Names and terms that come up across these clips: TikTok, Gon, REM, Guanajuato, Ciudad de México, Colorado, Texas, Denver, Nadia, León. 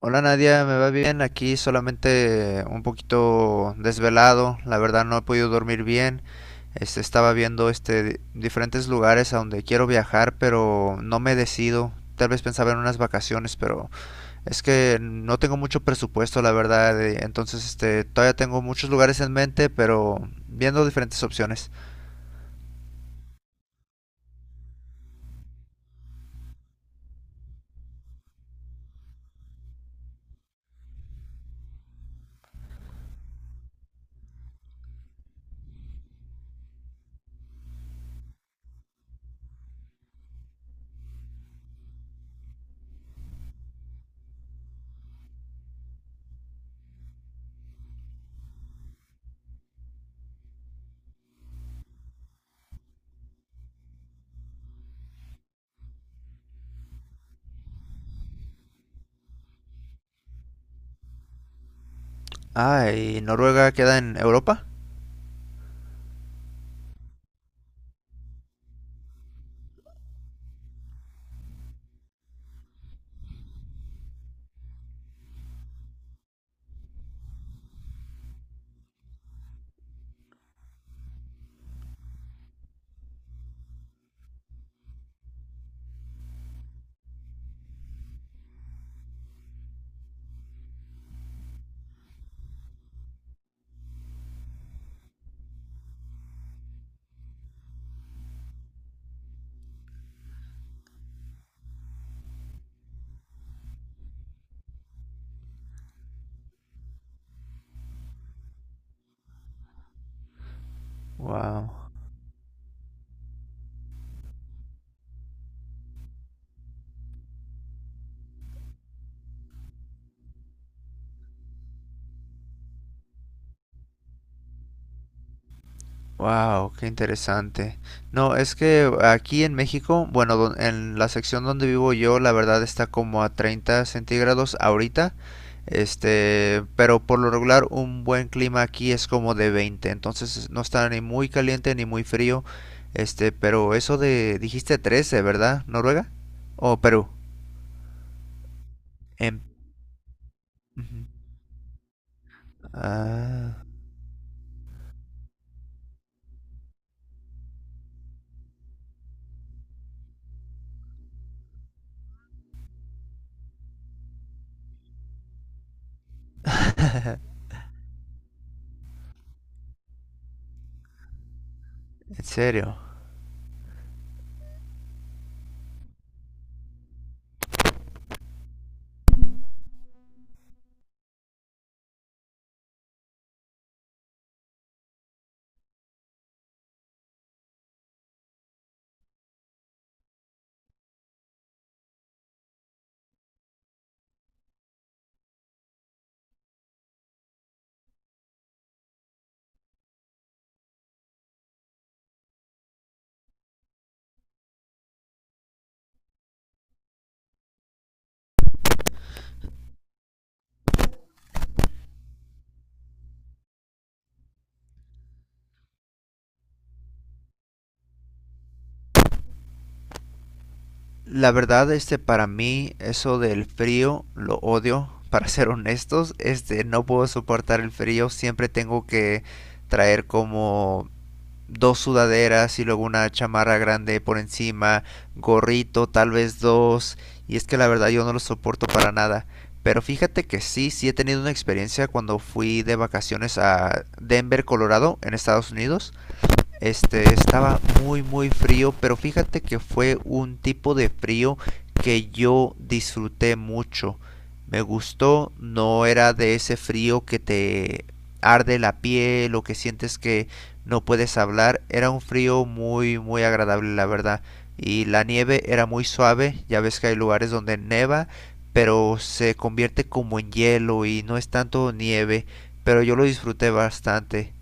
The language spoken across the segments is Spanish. Hola Nadia, me va bien, aquí solamente un poquito desvelado, la verdad no he podido dormir bien, estaba viendo diferentes lugares a donde quiero viajar, pero no me decido, tal vez pensaba en unas vacaciones, pero es que no tengo mucho presupuesto, la verdad, entonces todavía tengo muchos lugares en mente, pero viendo diferentes opciones. Ah, ¿y Noruega queda en Europa? Wow. Wow, qué interesante. No, es que aquí en México, bueno, en la sección donde vivo yo, la verdad está como a 30 centígrados ahorita. Pero por lo regular un buen clima aquí es como de 20. Entonces no está ni muy caliente ni muy frío. Pero eso de, dijiste 13, ¿verdad? ¿Noruega? ¿O Perú? En... Ujú. Ah, ¿en serio? La verdad, para mí, eso del frío, lo odio, para ser honestos. No puedo soportar el frío. Siempre tengo que traer como dos sudaderas y luego una chamarra grande por encima, gorrito, tal vez dos. Y es que la verdad yo no lo soporto para nada. Pero fíjate que sí, sí he tenido una experiencia cuando fui de vacaciones a Denver, Colorado, en Estados Unidos. Estaba muy muy frío, pero fíjate que fue un tipo de frío que yo disfruté mucho. Me gustó, no era de ese frío que te arde la piel o que sientes que no puedes hablar. Era un frío muy muy agradable, la verdad. Y la nieve era muy suave, ya ves que hay lugares donde neva, pero se convierte como en hielo y no es tanto nieve, pero yo lo disfruté bastante.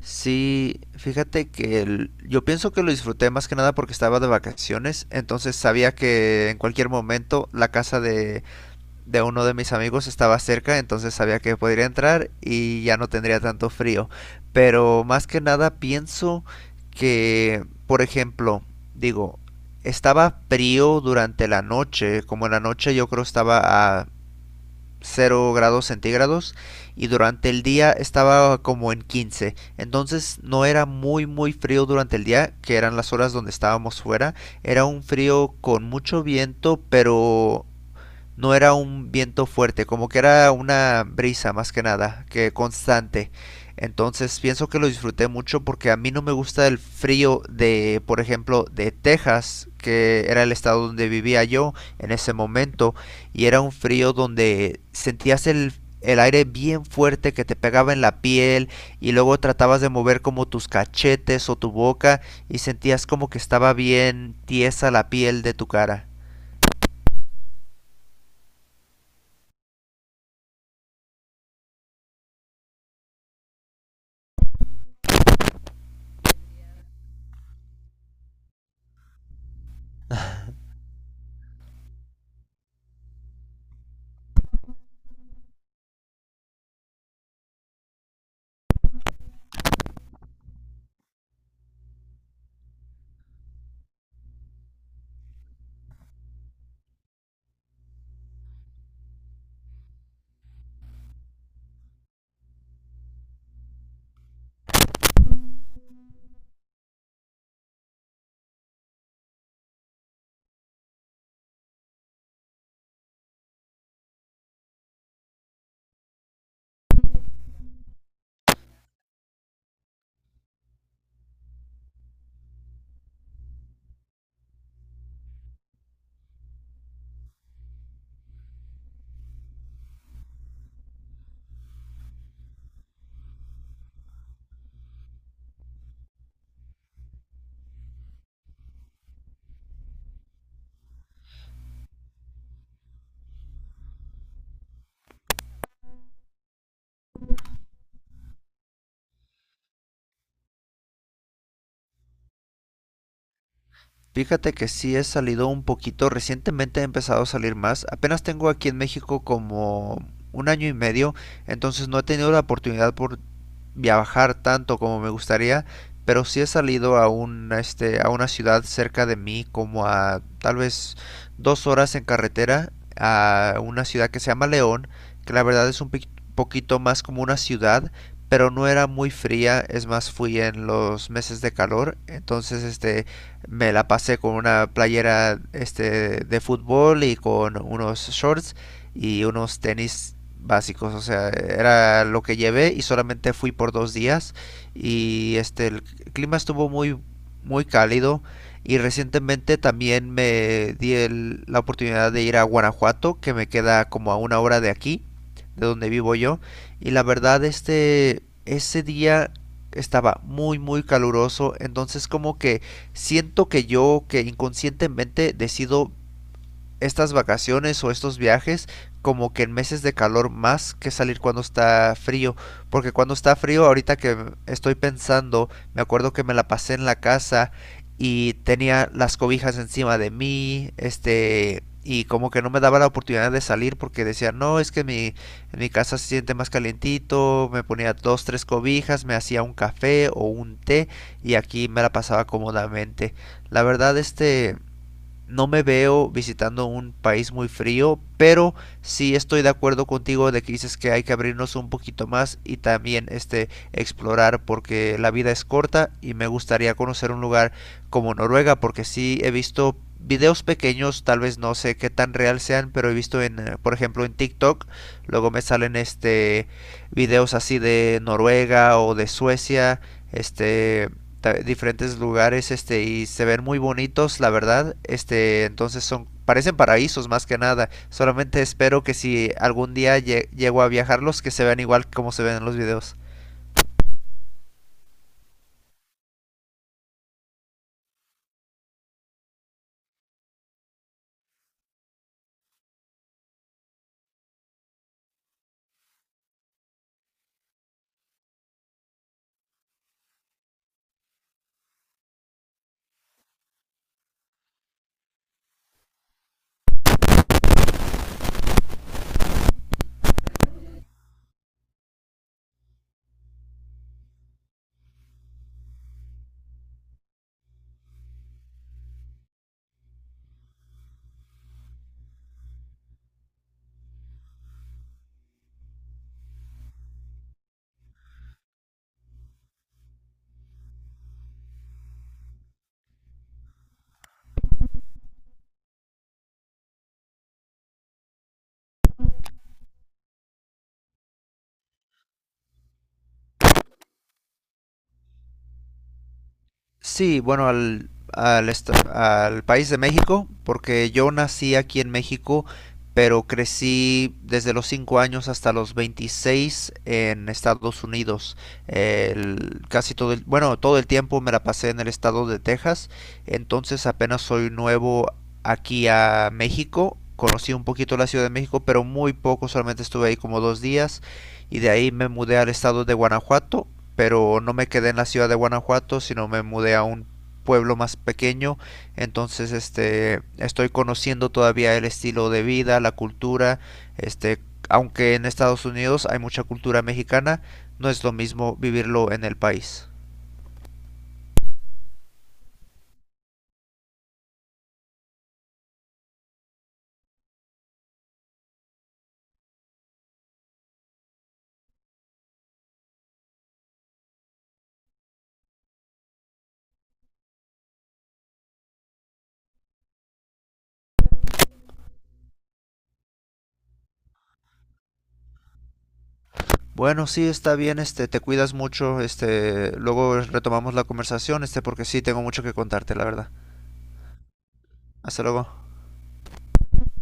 Sí, fíjate que yo pienso que lo disfruté más que nada porque estaba de vacaciones, entonces sabía que en cualquier momento la casa de uno de mis amigos estaba cerca, entonces sabía que podría entrar y ya no tendría tanto frío. Pero más que nada pienso que, por ejemplo, digo, estaba frío durante la noche, como en la noche yo creo estaba a 0 grados centígrados y durante el día estaba como en 15. Entonces no era muy muy frío durante el día, que eran las horas donde estábamos fuera. Era un frío con mucho viento, pero no era un viento fuerte, como que era una brisa más que nada, que constante. Entonces pienso que lo disfruté mucho porque a mí no me gusta el frío de, por ejemplo, de Texas, que era el estado donde vivía yo en ese momento, y era un frío donde sentías el aire bien fuerte que te pegaba en la piel y luego tratabas de mover como tus cachetes o tu boca y sentías como que estaba bien tiesa la piel de tu cara. Fíjate que sí he salido un poquito, recientemente he empezado a salir más. Apenas tengo aquí en México como un año y medio, entonces no he tenido la oportunidad por viajar tanto como me gustaría, pero sí he salido a una ciudad cerca de mí, como a tal vez 2 horas en carretera, a una ciudad que se llama León, que la verdad es un poquito más como una ciudad, pero no era muy fría, es más fui en los meses de calor, entonces me la pasé con una playera de fútbol y con unos shorts y unos tenis básicos, o sea, era lo que llevé y solamente fui por 2 días y este el clima estuvo muy muy cálido y recientemente también me di la oportunidad de ir a Guanajuato que me queda como a 1 hora de aquí de donde vivo yo y la verdad ese día estaba muy muy caluroso entonces como que siento que yo que inconscientemente decido estas vacaciones o estos viajes como que en meses de calor más que salir cuando está frío. Porque cuando está frío, ahorita que estoy pensando, me acuerdo que me la pasé en la casa y tenía las cobijas encima de mí, y como que no me daba la oportunidad de salir porque decía, no, es que en mi casa se siente más calientito, me ponía dos, tres cobijas, me hacía un café o un té y aquí me la pasaba cómodamente. La verdad, no me veo visitando un país muy frío, pero sí estoy de acuerdo contigo de que dices que hay que abrirnos un poquito más y también explorar porque la vida es corta y me gustaría conocer un lugar como Noruega porque sí he visto videos pequeños, tal vez no sé qué tan real sean, pero he visto en, por ejemplo, en TikTok, luego me salen videos así de Noruega o de Suecia, este diferentes lugares y se ven muy bonitos la verdad entonces son parecen paraísos más que nada solamente espero que si algún día llego a viajarlos que se vean igual como se ven en los videos. Sí, bueno, al país de México, porque yo nací aquí en México, pero crecí desde los 5 años hasta los 26 en Estados Unidos. Bueno, todo el tiempo me la pasé en el estado de Texas, entonces apenas soy nuevo aquí a México. Conocí un poquito la Ciudad de México, pero muy poco, solamente estuve ahí como 2 días y de ahí me mudé al estado de Guanajuato, pero no me quedé en la ciudad de Guanajuato, sino me mudé a un pueblo más pequeño, entonces estoy conociendo todavía el estilo de vida, la cultura, este aunque en Estados Unidos hay mucha cultura mexicana, no es lo mismo vivirlo en el país. Bueno, sí, está bien, te cuidas mucho, luego retomamos la conversación, porque sí tengo mucho que contarte, la verdad. Hasta luego.